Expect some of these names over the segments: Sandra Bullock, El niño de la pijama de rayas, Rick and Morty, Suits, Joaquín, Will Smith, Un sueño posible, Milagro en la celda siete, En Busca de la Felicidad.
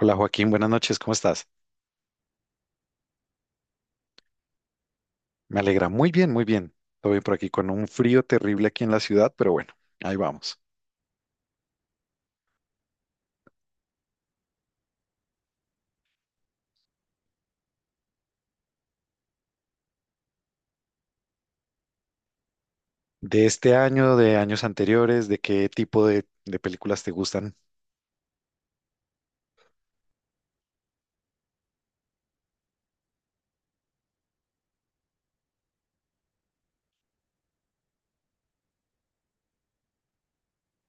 Hola Joaquín, buenas noches, ¿cómo estás? Me alegra, muy bien, muy bien. Todo bien por aquí con un frío terrible aquí en la ciudad, pero bueno, ahí vamos. ¿De este año, de años anteriores, de qué tipo de películas te gustan?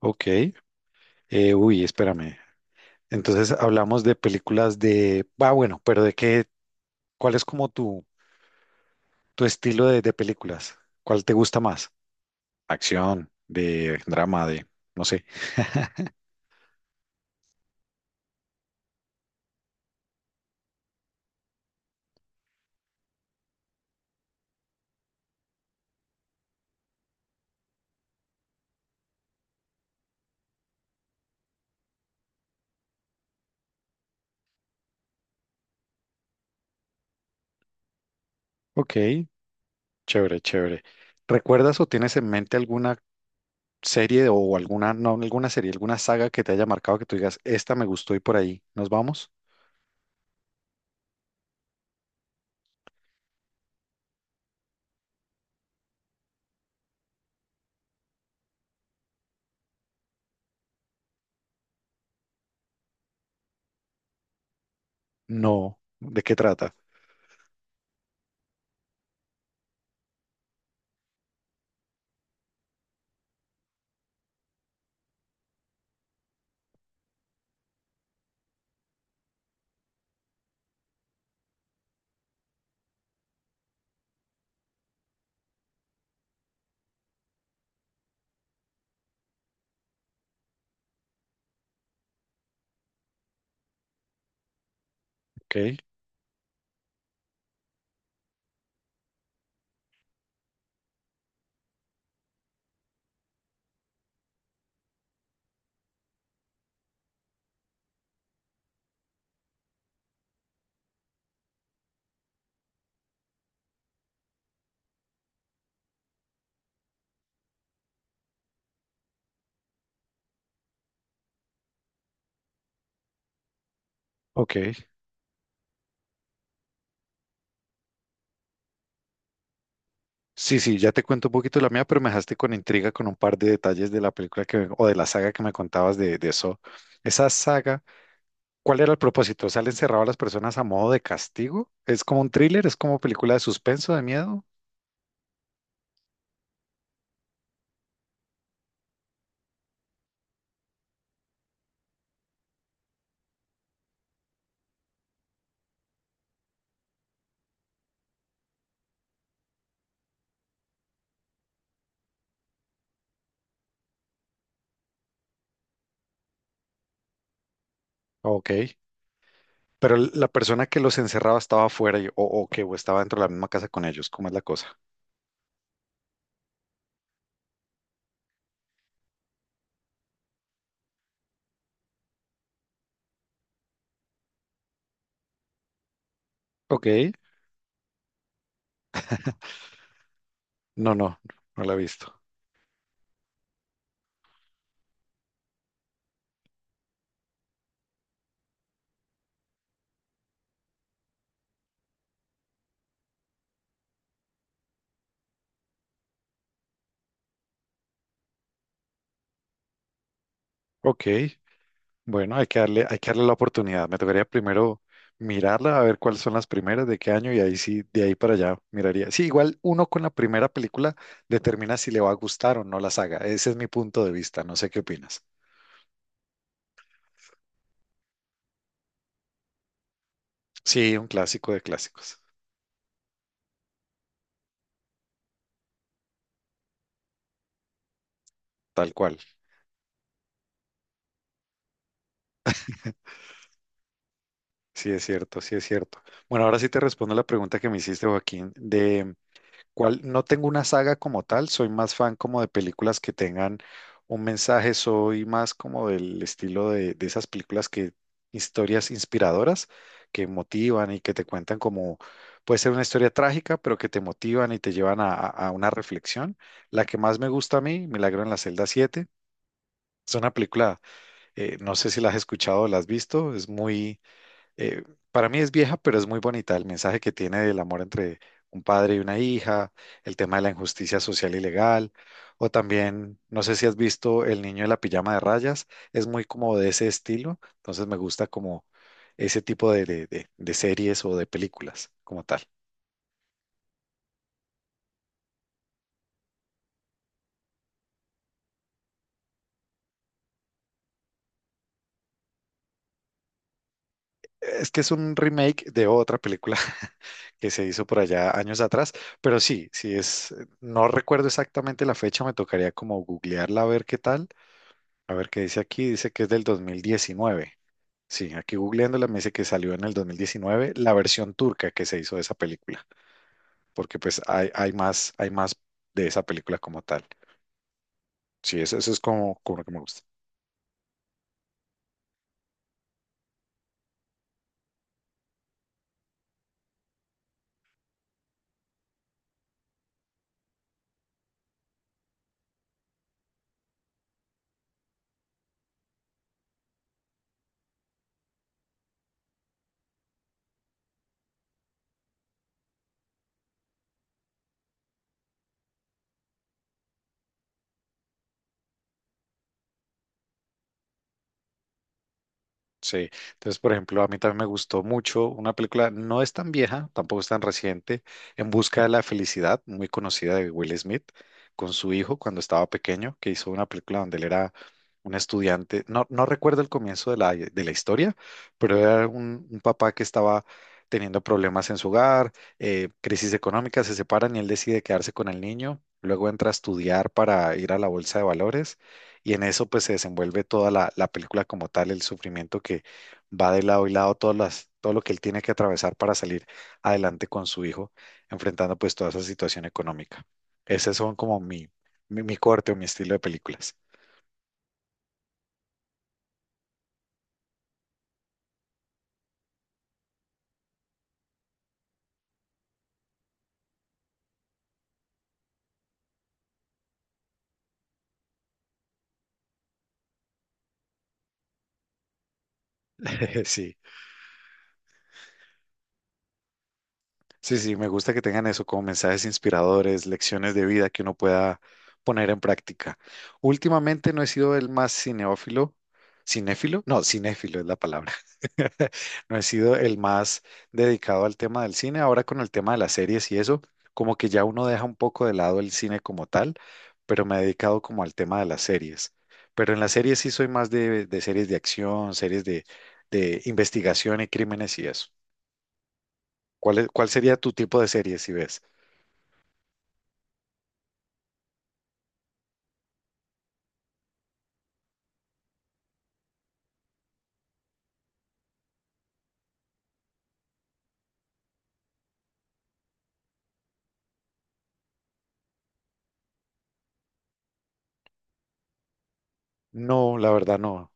Ok, uy, espérame. Entonces hablamos de películas de... Ah, bueno, pero ¿de qué? ¿Cuál es como tu estilo de películas? ¿Cuál te gusta más? ¿Acción, de drama, de... no sé? Ok, chévere, chévere. ¿Recuerdas o tienes en mente alguna serie o alguna, no alguna serie, alguna saga que te haya marcado que tú digas, esta me gustó y por ahí nos vamos? No. ¿De qué trata? Ok, ok. Sí, sí, ya te cuento un poquito la mía, pero me dejaste con intriga con un par de detalles de la película que, o de la saga que me contabas de eso. Esa saga, ¿cuál era el propósito? ¿Salen encerrado a las personas a modo de castigo? ¿Es como un thriller? ¿Es como película de suspenso, de miedo? Ok. Pero la persona que los encerraba estaba afuera o que o estaba dentro de la misma casa con ellos. ¿Cómo es la cosa? Ok. No, no, no la he visto. Ok, bueno, hay que darle la oportunidad. Me tocaría primero mirarla, a ver cuáles son las primeras, de qué año, y ahí sí, de ahí para allá miraría. Sí, igual uno con la primera película determina si le va a gustar o no la saga. Ese es mi punto de vista, no sé qué opinas. Sí, un clásico de clásicos, tal cual. Sí, es cierto, sí es cierto. Bueno, ahora sí te respondo la pregunta que me hiciste, Joaquín, de cual no tengo una saga como tal. Soy más fan como de películas que tengan un mensaje, soy más como del estilo de esas películas que historias inspiradoras que motivan y que te cuentan como puede ser una historia trágica, pero que te motivan y te llevan a, a una reflexión. La que más me gusta a mí, Milagro en la celda 7, es una película, no sé si la has escuchado o la has visto. Es muy eh, para mí es vieja, pero es muy bonita el mensaje que tiene del amor entre un padre y una hija, el tema de la injusticia social y legal. O también, no sé si has visto El niño de la pijama de rayas, es muy como de ese estilo. Entonces me gusta como ese tipo de, de series o de películas como tal. Es que es un remake de otra película que se hizo por allá años atrás, pero sí, sí es, no recuerdo exactamente la fecha, me tocaría como googlearla a ver qué tal. A ver qué dice aquí. Dice que es del 2019. Sí, aquí googleándola me dice que salió en el 2019 la versión turca que se hizo de esa película, porque pues hay, hay más de esa película como tal. Sí, eso es como, como lo que me gusta. Sí, entonces, por ejemplo, a mí también me gustó mucho una película, no es tan vieja, tampoco es tan reciente, En Busca de la Felicidad, muy conocida, de Will Smith, con su hijo cuando estaba pequeño, que hizo una película donde él era un estudiante. No, no recuerdo el comienzo de la historia, pero era un papá que estaba teniendo problemas en su hogar, crisis económica, se separan y él decide quedarse con el niño, luego entra a estudiar para ir a la bolsa de valores y en eso pues se desenvuelve toda la, la película como tal, el sufrimiento que va de lado y lado, todas las, todo lo que él tiene que atravesar para salir adelante con su hijo, enfrentando pues toda esa situación económica. Esos son como mi corte o mi estilo de películas. Sí. Sí, sí, me gusta que tengan eso como mensajes inspiradores, lecciones de vida que uno pueda poner en práctica. Últimamente no he sido el más cineófilo, cinéfilo, no, cinéfilo es la palabra. No he sido el más dedicado al tema del cine. Ahora con el tema de las series y eso, como que ya uno deja un poco de lado el cine como tal, pero me he dedicado como al tema de las series. Pero en las series sí soy más de series de acción, series de investigación y crímenes y eso. ¿ Cuál sería tu tipo de serie si ves? No, la verdad no.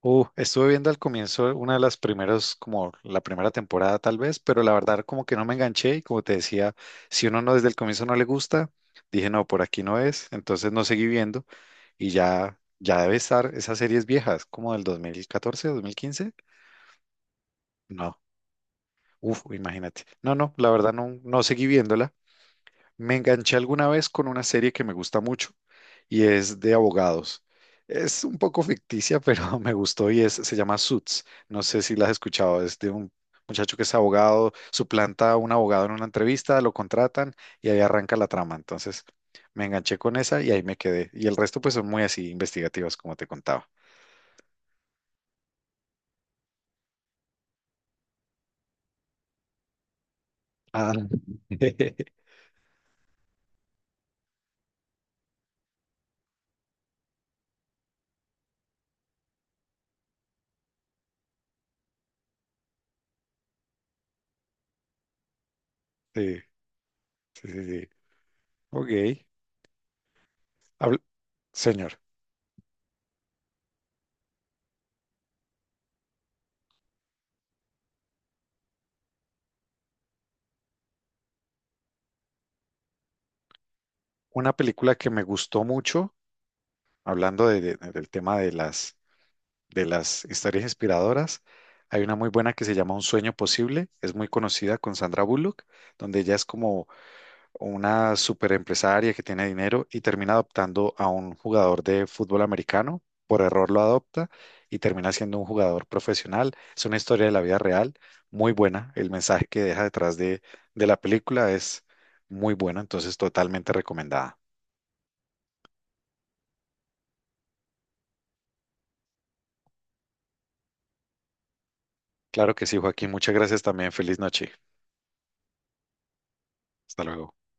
Estuve viendo al comienzo una de las primeras, como la primera temporada tal vez, pero la verdad como que no me enganché y como te decía, si uno no desde el comienzo no le gusta, dije no, por aquí no es, entonces no seguí viendo y ya, ya debe estar esas series viejas, como del 2014, 2015. No, uf, imagínate. No, no, la verdad no, no seguí viéndola. Me enganché alguna vez con una serie que me gusta mucho y es de abogados. Es un poco ficticia, pero me gustó y es, se llama Suits. No sé si la has escuchado. Es de un muchacho que es abogado, suplanta a un abogado en una entrevista, lo contratan y ahí arranca la trama. Entonces me enganché con esa y ahí me quedé. Y el resto pues son muy así investigativas, como te contaba. Ah. Sí, sí, sí, sí. Ok. Habl- Señor, una película que me gustó mucho, hablando de- del tema de las historias inspiradoras. Hay una muy buena que se llama Un sueño posible, es muy conocida, con Sandra Bullock, donde ella es como una super empresaria que tiene dinero y termina adoptando a un jugador de fútbol americano, por error lo adopta y termina siendo un jugador profesional. Es una historia de la vida real, muy buena. El mensaje que deja detrás de la película es muy bueno, entonces totalmente recomendada. Claro que sí, Joaquín, muchas gracias también. Feliz noche. Hasta luego.